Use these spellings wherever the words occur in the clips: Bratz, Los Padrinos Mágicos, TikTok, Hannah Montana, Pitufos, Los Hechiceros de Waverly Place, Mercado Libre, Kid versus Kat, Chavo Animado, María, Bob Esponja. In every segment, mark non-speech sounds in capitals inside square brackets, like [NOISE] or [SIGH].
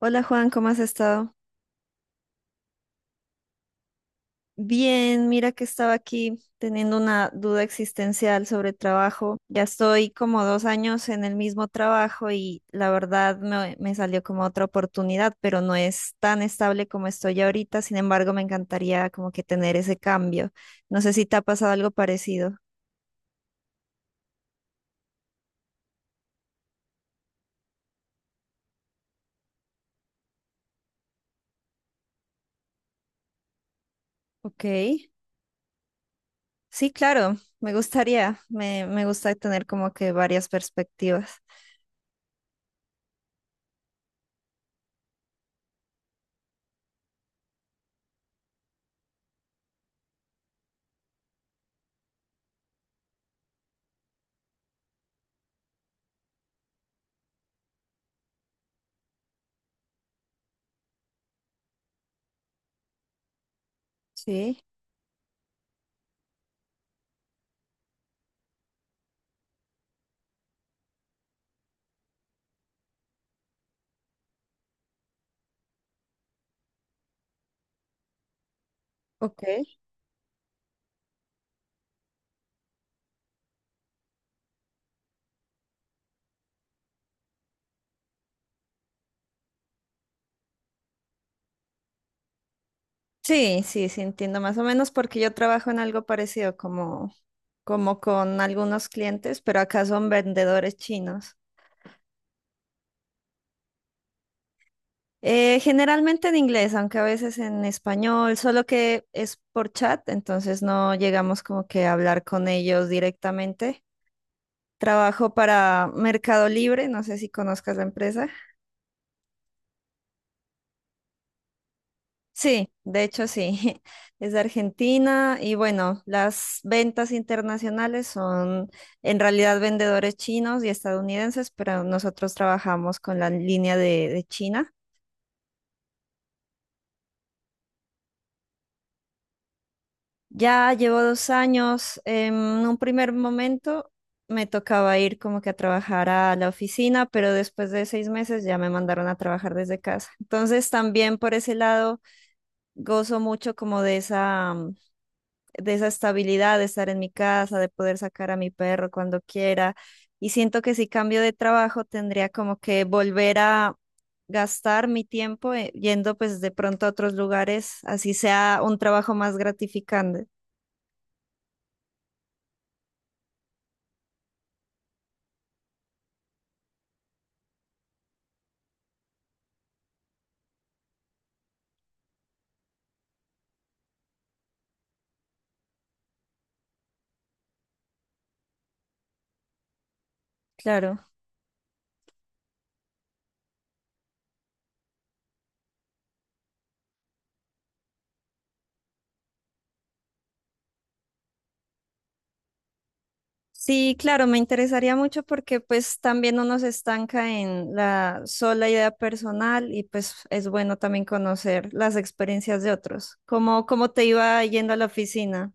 Hola Juan, ¿cómo has estado? Bien, mira que estaba aquí teniendo una duda existencial sobre trabajo. Ya estoy como 2 años en el mismo trabajo y la verdad me salió como otra oportunidad, pero no es tan estable como estoy ahorita. Sin embargo, me encantaría como que tener ese cambio. No sé si te ha pasado algo parecido. Ok, sí, claro, me gustaría. Me gusta tener como que varias perspectivas. Sí, ok. Sí, sí, sí, entiendo más o menos porque yo trabajo en algo parecido como con algunos clientes, pero acá son vendedores chinos. Generalmente en inglés, aunque a veces en español, solo que es por chat, entonces no llegamos como que a hablar con ellos directamente. Trabajo para Mercado Libre, no sé si conozcas la empresa. Sí, de hecho sí, [LAUGHS] es de Argentina y bueno, las ventas internacionales son en realidad vendedores chinos y estadounidenses, pero nosotros trabajamos con la línea de China. Ya llevo 2 años, en un primer momento me tocaba ir como que a trabajar a la oficina, pero después de 6 meses ya me mandaron a trabajar desde casa. Entonces también por ese lado gozo mucho como de esa estabilidad de estar en mi casa, de poder sacar a mi perro cuando quiera. Y siento que si cambio de trabajo tendría como que volver a gastar mi tiempo yendo pues de pronto a otros lugares, así sea un trabajo más gratificante. Claro. Sí, claro, me interesaría mucho porque pues también uno se estanca en la sola idea personal y pues es bueno también conocer las experiencias de otros. Cómo te iba yendo a la oficina?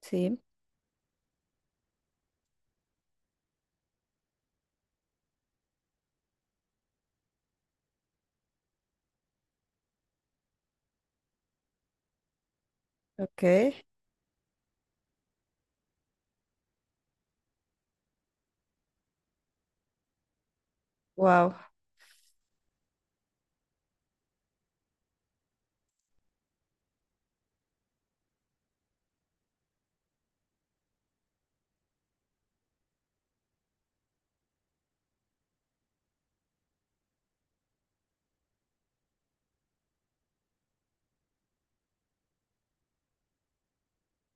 Sí, ok, wow.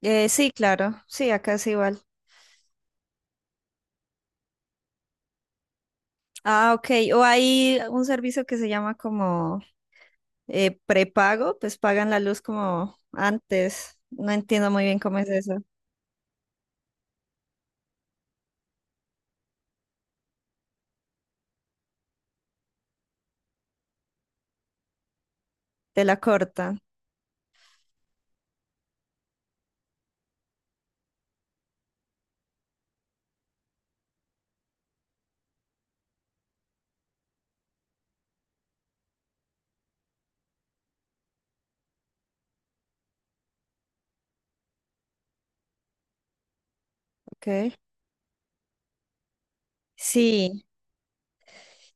Sí, claro, sí, acá es igual. Ah, ok. O hay un servicio que se llama como prepago, pues pagan la luz como antes. No entiendo muy bien cómo es eso. Te la cortan, ok. Sí,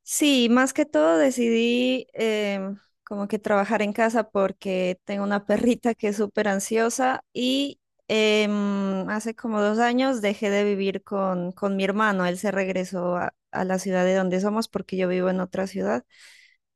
sí, más que todo decidí como que trabajar en casa porque tengo una perrita que es súper ansiosa y hace como 2 años dejé de vivir con mi hermano. Él se regresó a la ciudad de donde somos porque yo vivo en otra ciudad.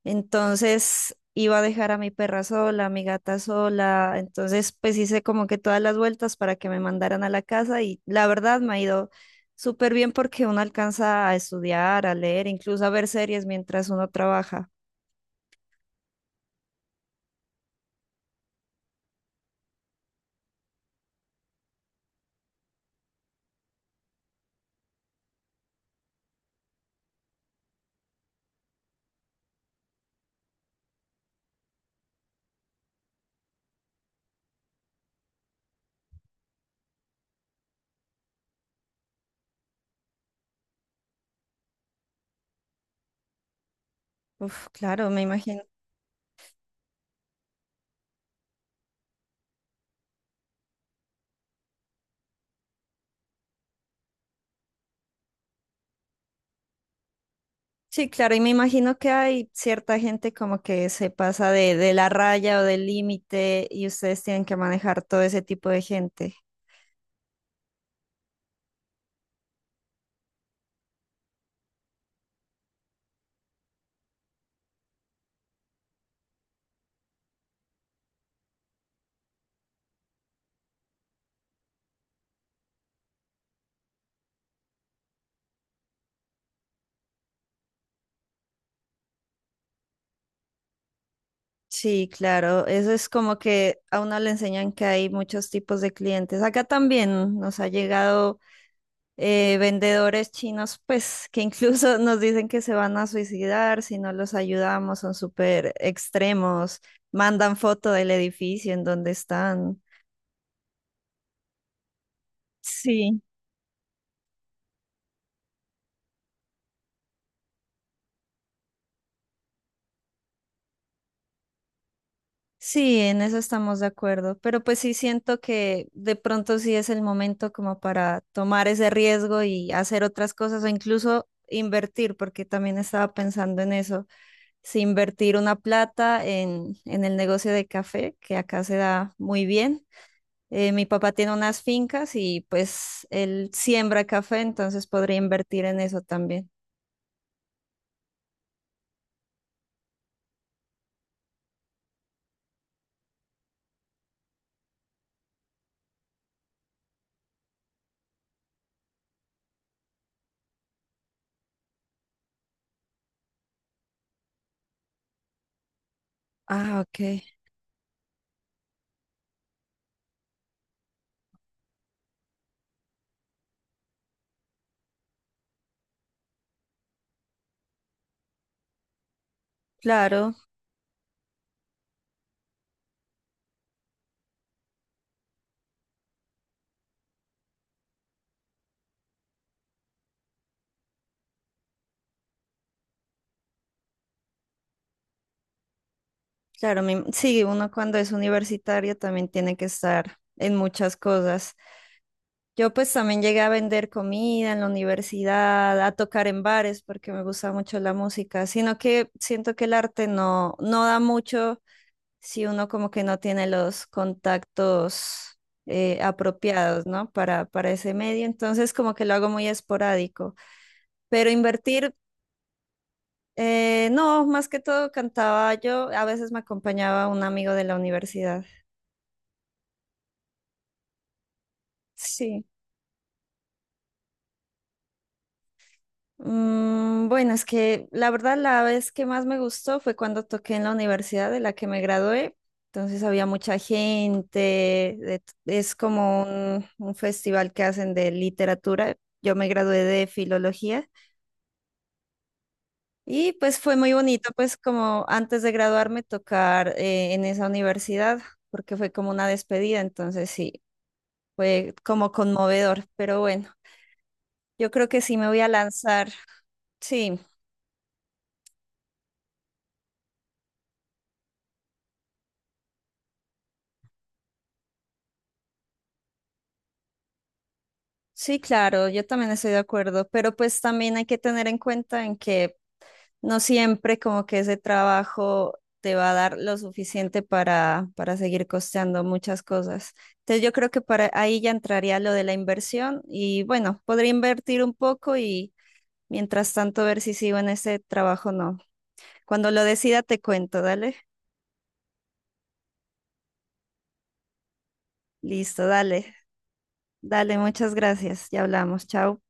Entonces iba a dejar a mi perra sola, a mi gata sola. Entonces, pues hice como que todas las vueltas para que me mandaran a la casa y la verdad me ha ido súper bien porque uno alcanza a estudiar, a leer, incluso a ver series mientras uno trabaja. Uf, claro, me imagino. Sí, claro, y me imagino que hay cierta gente como que se pasa de la raya o del límite y ustedes tienen que manejar todo ese tipo de gente. Sí, claro, eso es como que a uno le enseñan que hay muchos tipos de clientes. Acá también nos ha llegado vendedores chinos, pues que incluso [LAUGHS] nos dicen que se van a suicidar si no los ayudamos, son súper extremos, mandan foto del edificio en donde están. Sí. Sí, en eso estamos de acuerdo, pero pues sí siento que de pronto sí es el momento como para tomar ese riesgo y hacer otras cosas o incluso invertir, porque también estaba pensando en eso, si invertir una plata en el negocio de café, que acá se da muy bien. Mi papá tiene unas fincas y pues él siembra café, entonces podría invertir en eso también. Ah, ok. Claro. Claro, sí, uno cuando es universitario también tiene que estar en muchas cosas. Yo pues también llegué a vender comida en la universidad, a tocar en bares porque me gusta mucho la música, sino que siento que el arte no da mucho si uno como que no tiene los contactos apropiados, ¿no? Para ese medio, entonces como que lo hago muy esporádico, pero invertir... no, más que todo cantaba yo, a veces me acompañaba un amigo de la universidad. Sí. Mm, bueno, es que la verdad la vez que más me gustó fue cuando toqué en la universidad de la que me gradué. Entonces había mucha gente, es como un festival que hacen de literatura. Yo me gradué de filología y pues fue muy bonito, pues como antes de graduarme tocar en esa universidad, porque fue como una despedida, entonces sí, fue como conmovedor, pero bueno, yo creo que sí me voy a lanzar, sí. Sí, claro, yo también estoy de acuerdo, pero pues también hay que tener en cuenta en que no siempre como que ese trabajo te va a dar lo suficiente para seguir costeando muchas cosas. Entonces yo creo que para ahí ya entraría lo de la inversión y bueno, podría invertir un poco y mientras tanto ver si sigo en ese trabajo o no. Cuando lo decida te cuento, dale. Listo, dale. Dale, muchas gracias. Ya hablamos. Chao.